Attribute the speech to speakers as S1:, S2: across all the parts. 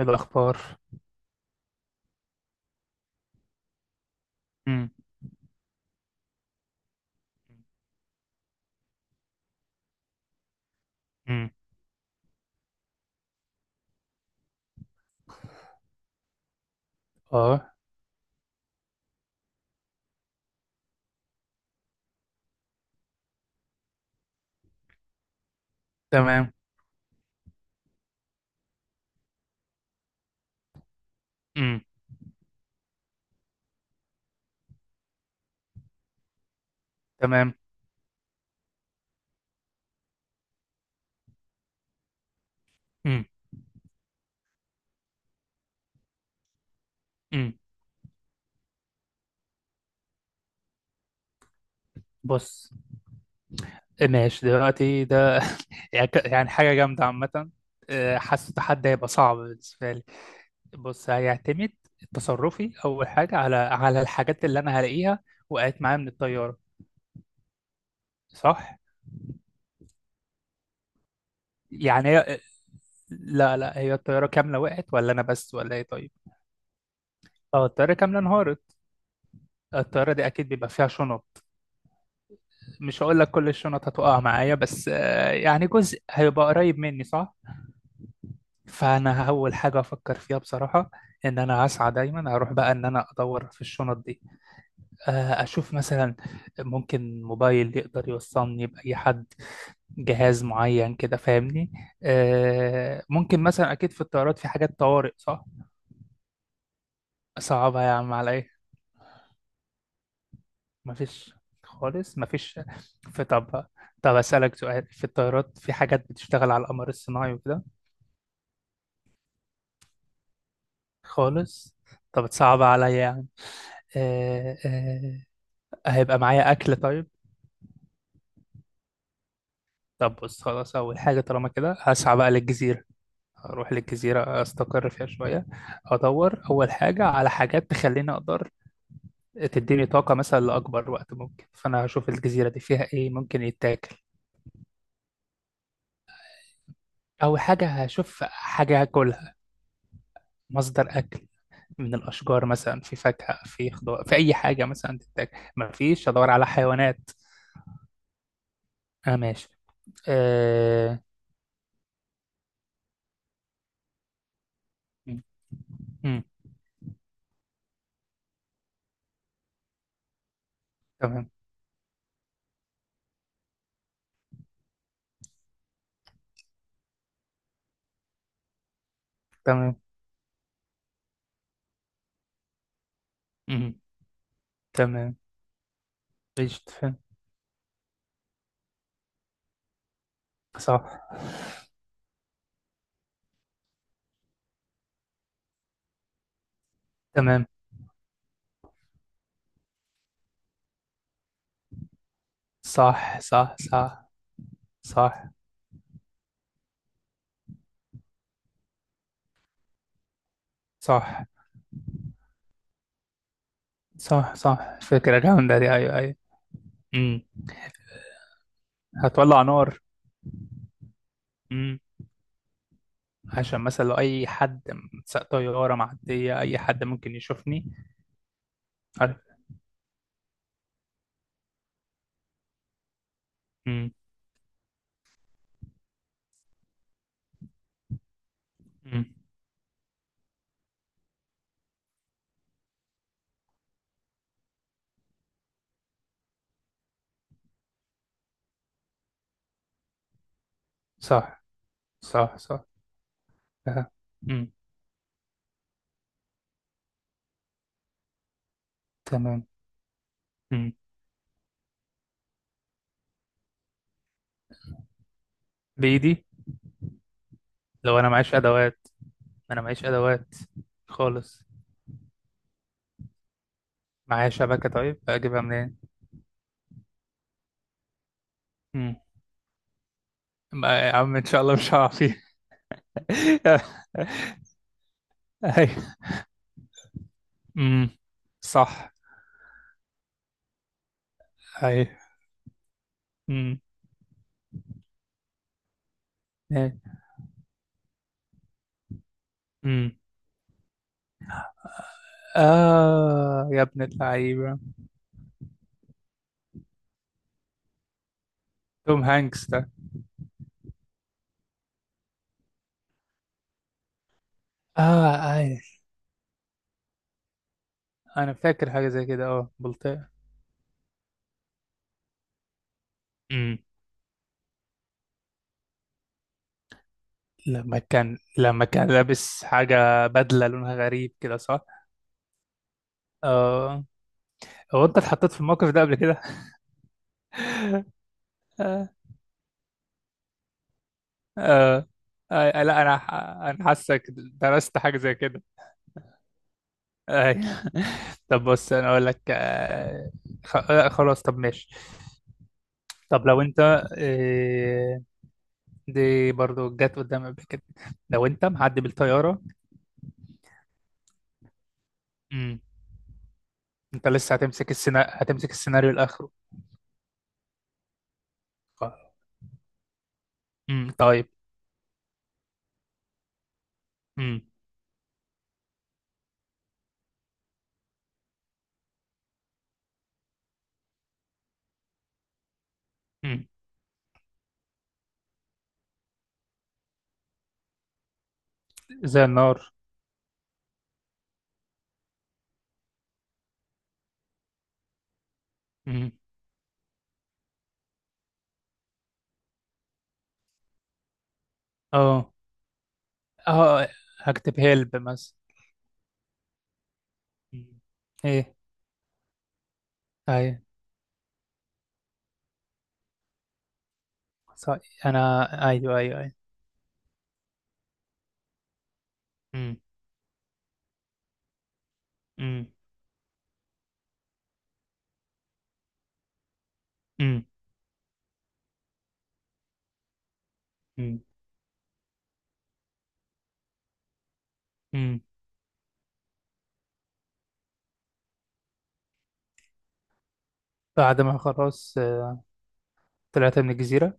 S1: الأخبار. مم. مم. اه. تمام. مم. تمام. مم. مم. بص، ماشي دلوقتي ده. يعني يعني حاجة جامدة عامة. حاسس التحدي هيبقى صعب بالنسبة لي. بص، هيعتمد تصرفي أول حاجة على الحاجات اللي أنا هلاقيها، وقعت معايا من الطيارة، صح؟ يعني هي، لا لا، هي الطيارة كاملة وقعت ولا أنا بس ولا إيه طيب؟ اه، الطيارة كاملة انهارت. الطيارة دي أكيد بيبقى فيها شنط. مش هقول لك كل الشنط هتقع معايا، بس يعني جزء هيبقى قريب مني، صح. فانا اول حاجه افكر فيها بصراحه، ان انا هسعى دايما اروح بقى ان انا ادور في الشنط دي. اشوف مثلا ممكن موبايل يقدر يوصلني باي حد، جهاز معين كده، فاهمني. ممكن مثلا، اكيد في الطيارات في حاجات طوارئ، صح. صعبه يا عم على ايه؟ مفيش، خالص مفيش. في، طب طب اسالك سؤال، في الطيارات في حاجات بتشتغل على القمر الصناعي وكده. خالص. طب تصعب عليا يعني. آه آه. هيبقى معايا أكل طيب. طب بص، خلاص، أول حاجة طالما كده هسعى بقى للجزيرة. أروح للجزيرة، أستقر فيها شوية. أدور أول حاجة على حاجات تخليني أقدر، تديني طاقة مثلا لأكبر وقت ممكن، فأنا هشوف الجزيرة دي فيها إيه ممكن يتاكل. أول حاجة هشوف حاجة هاكلها، مصدر أكل. من الأشجار مثلا، في فاكهة في خضار في أي حاجة مثلا تتاكل، مفيش أدور على حيوانات. أنا ماشي. آه. مم. مم. تمام. تمام. مم. تمام. قشطة، فهم. صح. تمام. صح صح صح. صح صح صح صح. فكرة جامدة دي، أيوه أيوه. مم. هتولع نار. مم. عشان مثلا لو أي حد، سواق طيارة معدية، أي حد ممكن يشوفني. عارف. مم. مم. صح صح صح. أها. مم. تمام. مم. بإيدي. لو أنا معيش أدوات، أنا معيش أدوات. خالص. معايا شبكة طيب أجيبها منين؟ ما يا عم ان شاء الله مش هقع فيه. اي. امم. صح. اي. امم. إيه. امم. اه. يا ابن اللعيبه! توم هانكس ده. اه. اي، انا فاكر حاجه زي كده، اه، بلطيء. امم. لما كان لابس حاجه، بدله لونها غريب كده، صح. اه. هو انت اتحطيت في الموقف ده قبل كده؟ آه. آه. آه. لا انا حاسك درست حاجه زي كده. أي. طب بص، انا اقول لك، خلاص طب ماشي. طب لو انت، آه، دي برضو جت قدام قبل كده، لو انت معدي بالطياره. امم. انت لسه هتمسك السيناريو الاخره. طيب. امم. امم. زي النار. امم. اه اه. هكتب هيلب مثلا. مم. ايه. ايوه، صحيح. انا، ايوه ايوه ايوه. امم. امم. امم. امم. بعد ما خلاص طلعت من الجزيره،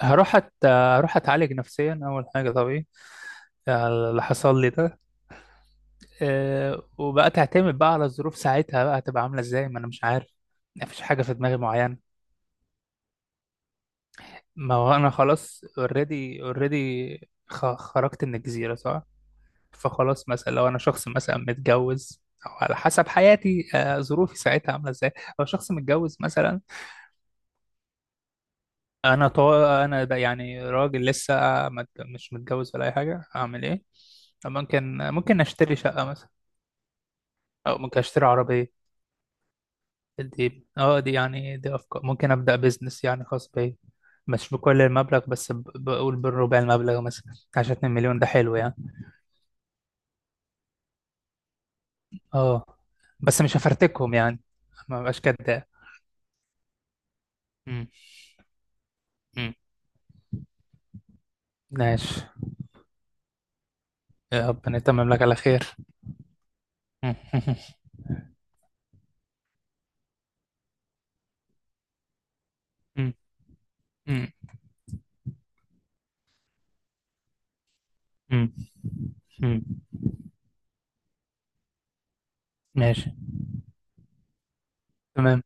S1: هروح اتعالج نفسيا اول حاجه، طبيعي. يعني اللي حصل لي ده. أه. وبقى تعتمد بقى على الظروف ساعتها بقى هتبقى عامله ازاي، ما انا مش عارف. مفيش حاجه في دماغي معينه. ما هو انا خلاص، اوريدي اوريدي، خرجت من الجزيره، صح. فخلاص مثلا لو انا شخص مثلا متجوز، او على حسب حياتي ظروفي ساعتها عامله ازاي. لو شخص متجوز مثلا. انا بقى يعني راجل لسه، مش متجوز ولا اي حاجه، اعمل ايه؟ ممكن، اشتري شقه مثلا، او ممكن اشتري عربيه. دي دي، يعني دي افكار، ممكن ابدا بزنس يعني خاص بيا. مش بكل المبلغ، بس بقول بالربع المبلغ مثلا، عشان 2 مليون ده حلو يعني. اه بس مش هفرتكهم يعني، ما بقاش كداب. مم. مم. ماشي. يا ربنا يتمم لك على خير. مم. مم. مم. مم. مم. ماشي. تمام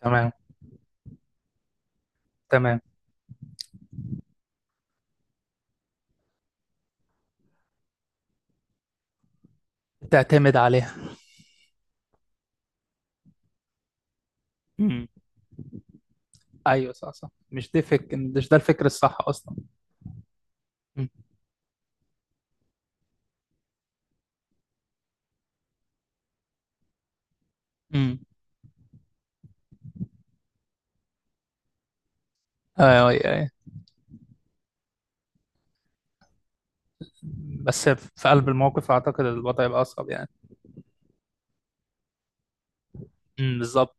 S1: تمام تمام. تعتمد عليها. مم. ايوه صح صح، مش دي مش ده الفكر الصح اصلا. مم. مم. ايوه ايوه أيوة. بس في قلب الموقف اعتقد الوضع يبقى اصعب يعني. امم، بالظبط.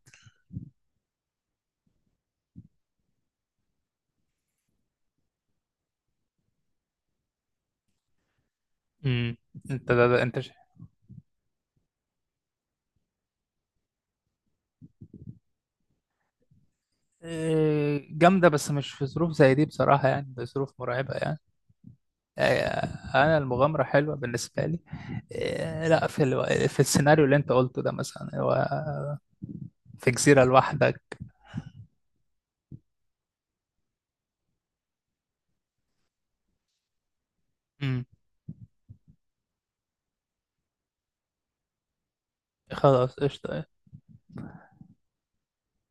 S1: امم. انت، ده انت إيه، جامده بس مش في ظروف زي دي بصراحه يعني، ده ظروف مرعبه يعني. إيه، انا المغامره حلوه بالنسبه لي. إيه، لا في في السيناريو اللي انت قلته ده مثلا، هو في جزيره لوحدك. امم. خلاص قشطه.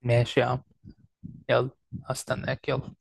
S1: ماشي يا عم، يلا. هستناك، يلا.